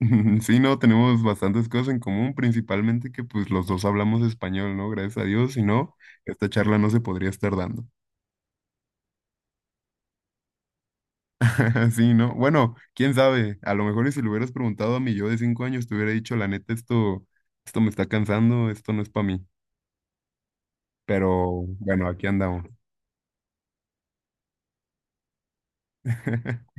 Sí, no, tenemos bastantes cosas en común, principalmente que pues los dos hablamos español, ¿no? Gracias a Dios, si no, esta charla no se podría estar dando. Sí, ¿no? Bueno, quién sabe, a lo mejor y si le hubieras preguntado a mi yo de 5 años, te hubiera dicho, la neta, esto me está cansando, esto no es para mí, pero bueno, aquí andamos.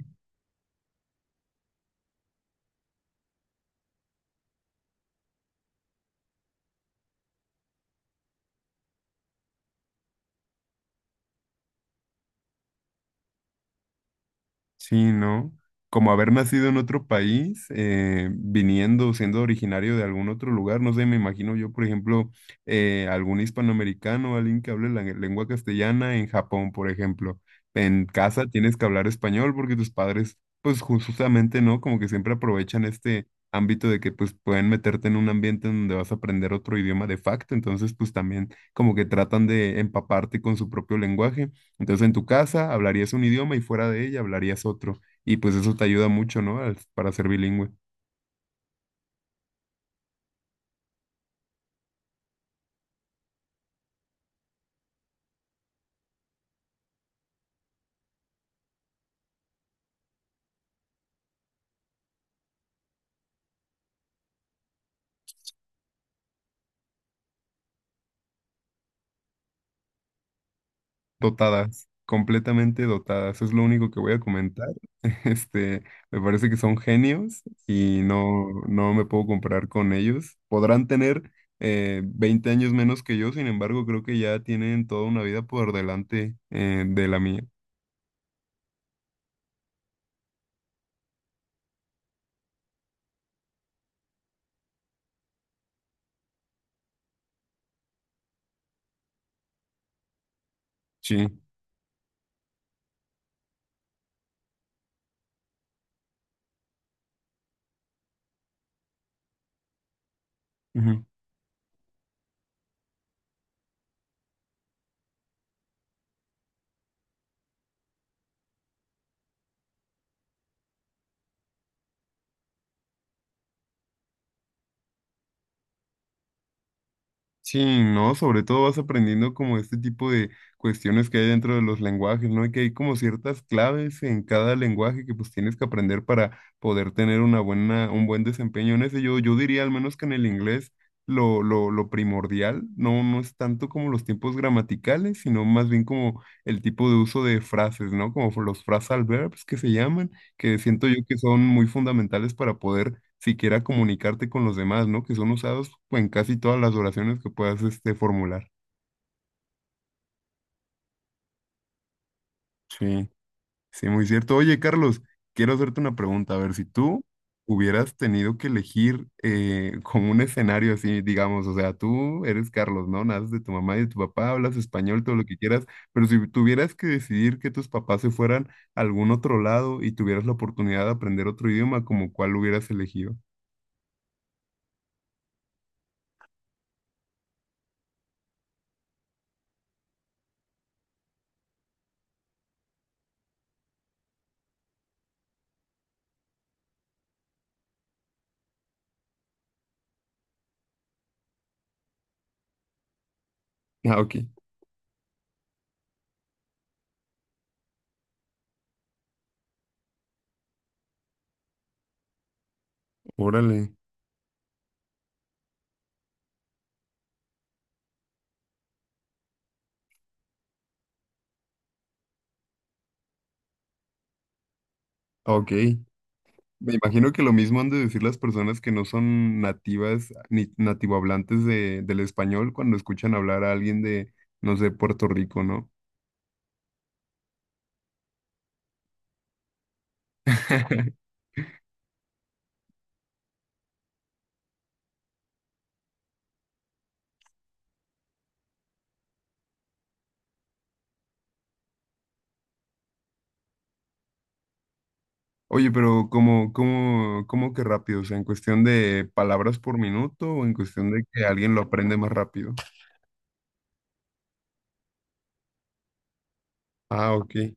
Sí, ¿no? Como haber nacido en otro país, viniendo, siendo originario de algún otro lugar, no sé, me imagino yo, por ejemplo, algún hispanoamericano, alguien que hable la lengua castellana en Japón, por ejemplo. En casa tienes que hablar español porque tus padres, pues justamente, ¿no? Como que siempre aprovechan este ámbito de que pues pueden meterte en un ambiente en donde vas a aprender otro idioma de facto, entonces pues también como que tratan de empaparte con su propio lenguaje. Entonces en tu casa hablarías un idioma y fuera de ella hablarías otro. Y pues eso te ayuda mucho, ¿no? Para ser bilingüe. Dotadas, completamente dotadas. Es lo único que voy a comentar. Este, me parece que son genios y no me puedo comparar con ellos. Podrán tener 20 años menos que yo, sin embargo, creo que ya tienen toda una vida por delante de la mía. Sí. Sí, ¿no? Sobre todo vas aprendiendo como este tipo de cuestiones que hay dentro de los lenguajes, ¿no? Y que hay como ciertas claves en cada lenguaje que pues tienes que aprender para poder tener un buen desempeño en ese. Yo diría al menos que en el inglés lo primordial no es tanto como los tiempos gramaticales, sino más bien como el tipo de uso de frases, ¿no? Como los phrasal verbs que se llaman, que siento yo que son muy fundamentales para poder siquiera comunicarte con los demás, ¿no? Que son usados pues, en casi todas las oraciones que puedas formular. Sí, sí, muy cierto. Oye, Carlos, quiero hacerte una pregunta. A ver, si tú hubieras tenido que elegir como un escenario así, digamos, o sea, tú eres Carlos, ¿no? Naces de tu mamá y de tu papá, hablas español, todo lo que quieras, pero si tuvieras que decidir que tus papás se fueran a algún otro lado y tuvieras la oportunidad de aprender otro idioma, ¿como cuál hubieras elegido? Ah, ok. Órale. Ok. Me imagino que lo mismo han de decir las personas que no son nativas ni nativohablantes de, del español cuando escuchan hablar a alguien de, no sé, Puerto Rico, ¿no? Oye, pero ¿cómo que rápido? O sea, ¿en cuestión de palabras por minuto o en cuestión de que alguien lo aprende más rápido? Ah, ok.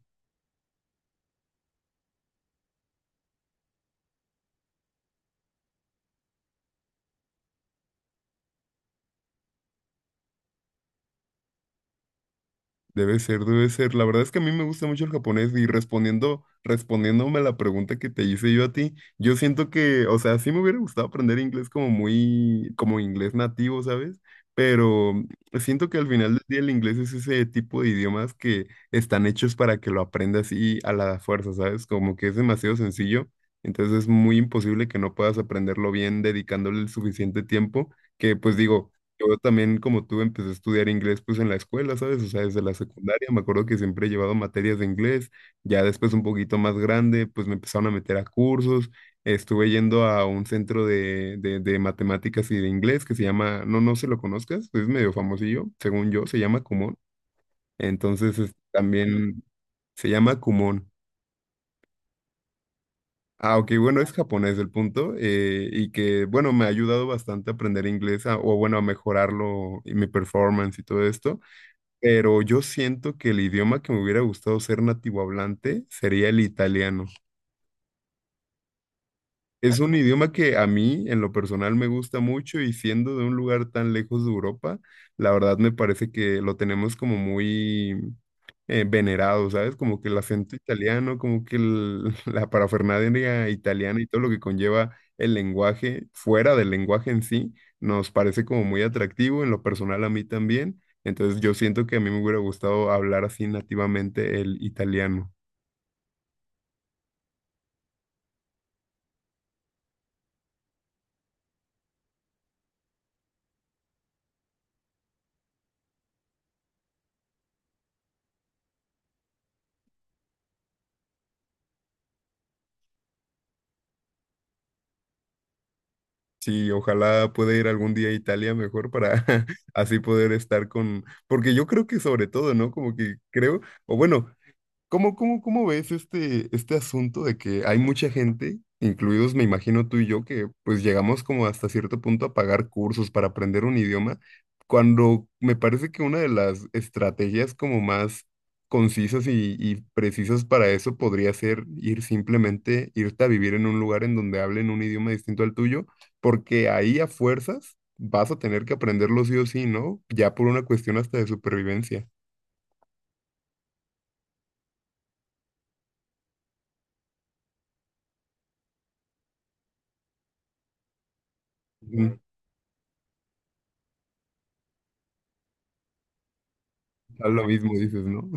Debe ser, debe ser. La verdad es que a mí me gusta mucho el japonés y respondiendo, respondiéndome a la pregunta que te hice yo a ti, yo siento que, o sea, sí me hubiera gustado aprender inglés como muy, como inglés nativo, ¿sabes? Pero siento que al final del día el inglés es ese tipo de idiomas que están hechos para que lo aprendas y a la fuerza, ¿sabes? Como que es demasiado sencillo, entonces es muy imposible que no puedas aprenderlo bien dedicándole el suficiente tiempo, que pues digo. Yo también, como tú, empecé a estudiar inglés pues en la escuela, ¿sabes? O sea, desde la secundaria me acuerdo que siempre he llevado materias de inglés. Ya después un poquito más grande, pues me empezaron a meter a cursos. Estuve yendo a un centro de matemáticas y de inglés que se llama, no se lo conozcas, es medio famosillo, según yo, se llama Kumon. Entonces, también se llama Kumon. Ah, ok, bueno, es japonés el punto, y que, bueno, me ha ayudado bastante a aprender inglés, o bueno, a mejorarlo y mi performance y todo esto. Pero yo siento que el idioma que me hubiera gustado ser nativo hablante sería el italiano. Es un idioma que a mí, en lo personal, me gusta mucho y siendo de un lugar tan lejos de Europa, la verdad me parece que lo tenemos como muy venerado, ¿sabes? Como que el acento italiano, como que la parafernalia italiana y todo lo que conlleva el lenguaje, fuera del lenguaje en sí, nos parece como muy atractivo, en lo personal a mí también. Entonces yo siento que a mí me hubiera gustado hablar así nativamente el italiano. Sí, ojalá pueda ir algún día a Italia mejor para así poder estar con, porque yo creo que sobre todo, ¿no? Como que creo, o bueno, ¿cómo ves este asunto de que hay mucha gente, incluidos me imagino tú y yo, que pues llegamos como hasta cierto punto a pagar cursos para aprender un idioma, cuando me parece que una de las estrategias como más concisas y precisas para eso podría ser ir simplemente, irte a vivir en un lugar en donde hablen un idioma distinto al tuyo, porque ahí a fuerzas vas a tener que aprenderlo sí o sí, ¿no? Ya por una cuestión hasta de supervivencia. Mm. Claro. Lo mismo dices, ¿no?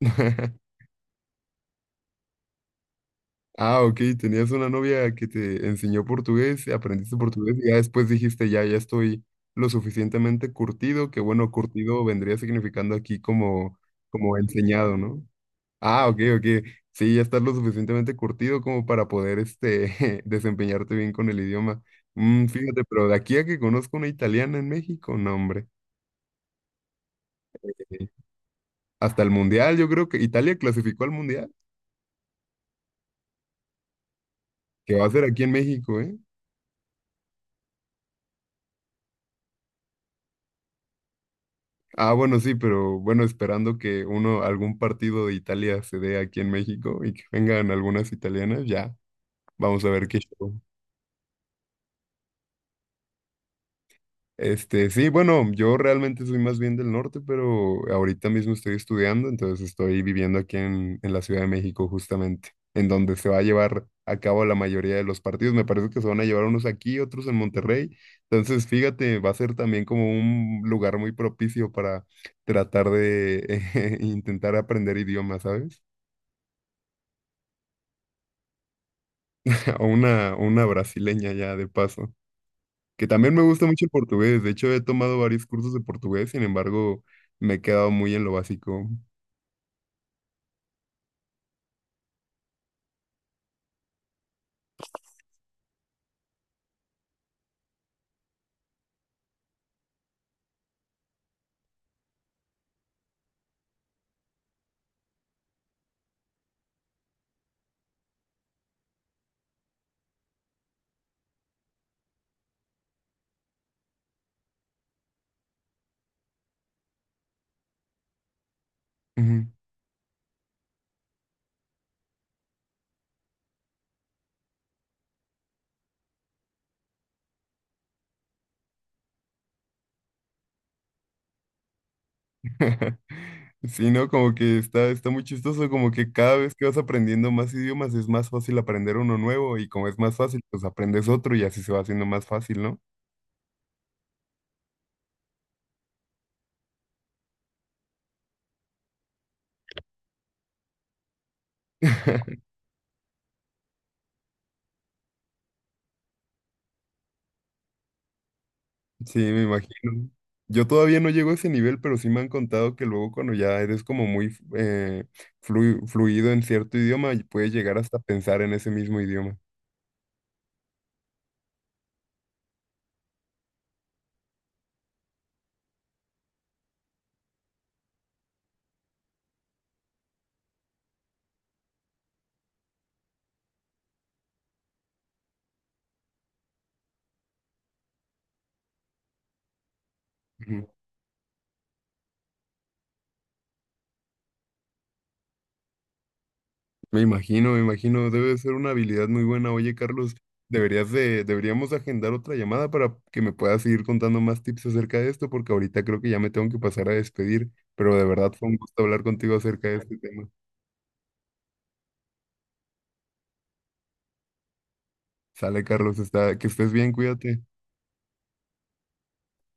Ah, ok, tenías una novia que te enseñó portugués, aprendiste portugués y ya después dijiste, ya, ya estoy lo suficientemente curtido, que bueno, curtido vendría significando aquí como, como enseñado, ¿no? Ah, ok, ok, sí, ya estás lo suficientemente curtido como para poder, este, desempeñarte bien con el idioma. Mm, fíjate, pero de aquí a que conozco una italiana en México, no, hombre, eh, hasta el mundial, yo creo que Italia clasificó al mundial, que va a ser aquí en México, ¿eh? Ah, bueno, sí, pero bueno, esperando que uno, algún partido de Italia se dé aquí en México y que vengan algunas italianas, ya, vamos a ver qué show. Este, sí, bueno, yo realmente soy más bien del norte, pero ahorita mismo estoy estudiando, entonces estoy viviendo aquí en la Ciudad de México justamente, en donde se va a llevar a cabo la mayoría de los partidos. Me parece que se van a llevar unos aquí, otros en Monterrey. Entonces, fíjate, va a ser también como un lugar muy propicio para tratar de intentar aprender idiomas, ¿sabes? O una brasileña ya de paso, que también me gusta mucho el portugués. De hecho, he tomado varios cursos de portugués, sin embargo, me he quedado muy en lo básico. Ujú. Sí, ¿no? Como que está muy chistoso, como que cada vez que vas aprendiendo más idiomas es más fácil aprender uno nuevo y como es más fácil, pues aprendes otro y así se va haciendo más fácil, ¿no? Sí, me imagino. Yo todavía no llego a ese nivel, pero sí me han contado que luego cuando ya eres como muy fluido en cierto idioma, y puedes llegar hasta pensar en ese mismo idioma. Me imagino, debe de ser una habilidad muy buena. Oye, Carlos, deberíamos agendar otra llamada para que me puedas seguir contando más tips acerca de esto, porque ahorita creo que ya me tengo que pasar a despedir, pero de verdad fue un gusto hablar contigo acerca de este tema. Sale, Carlos, está, que estés bien, cuídate.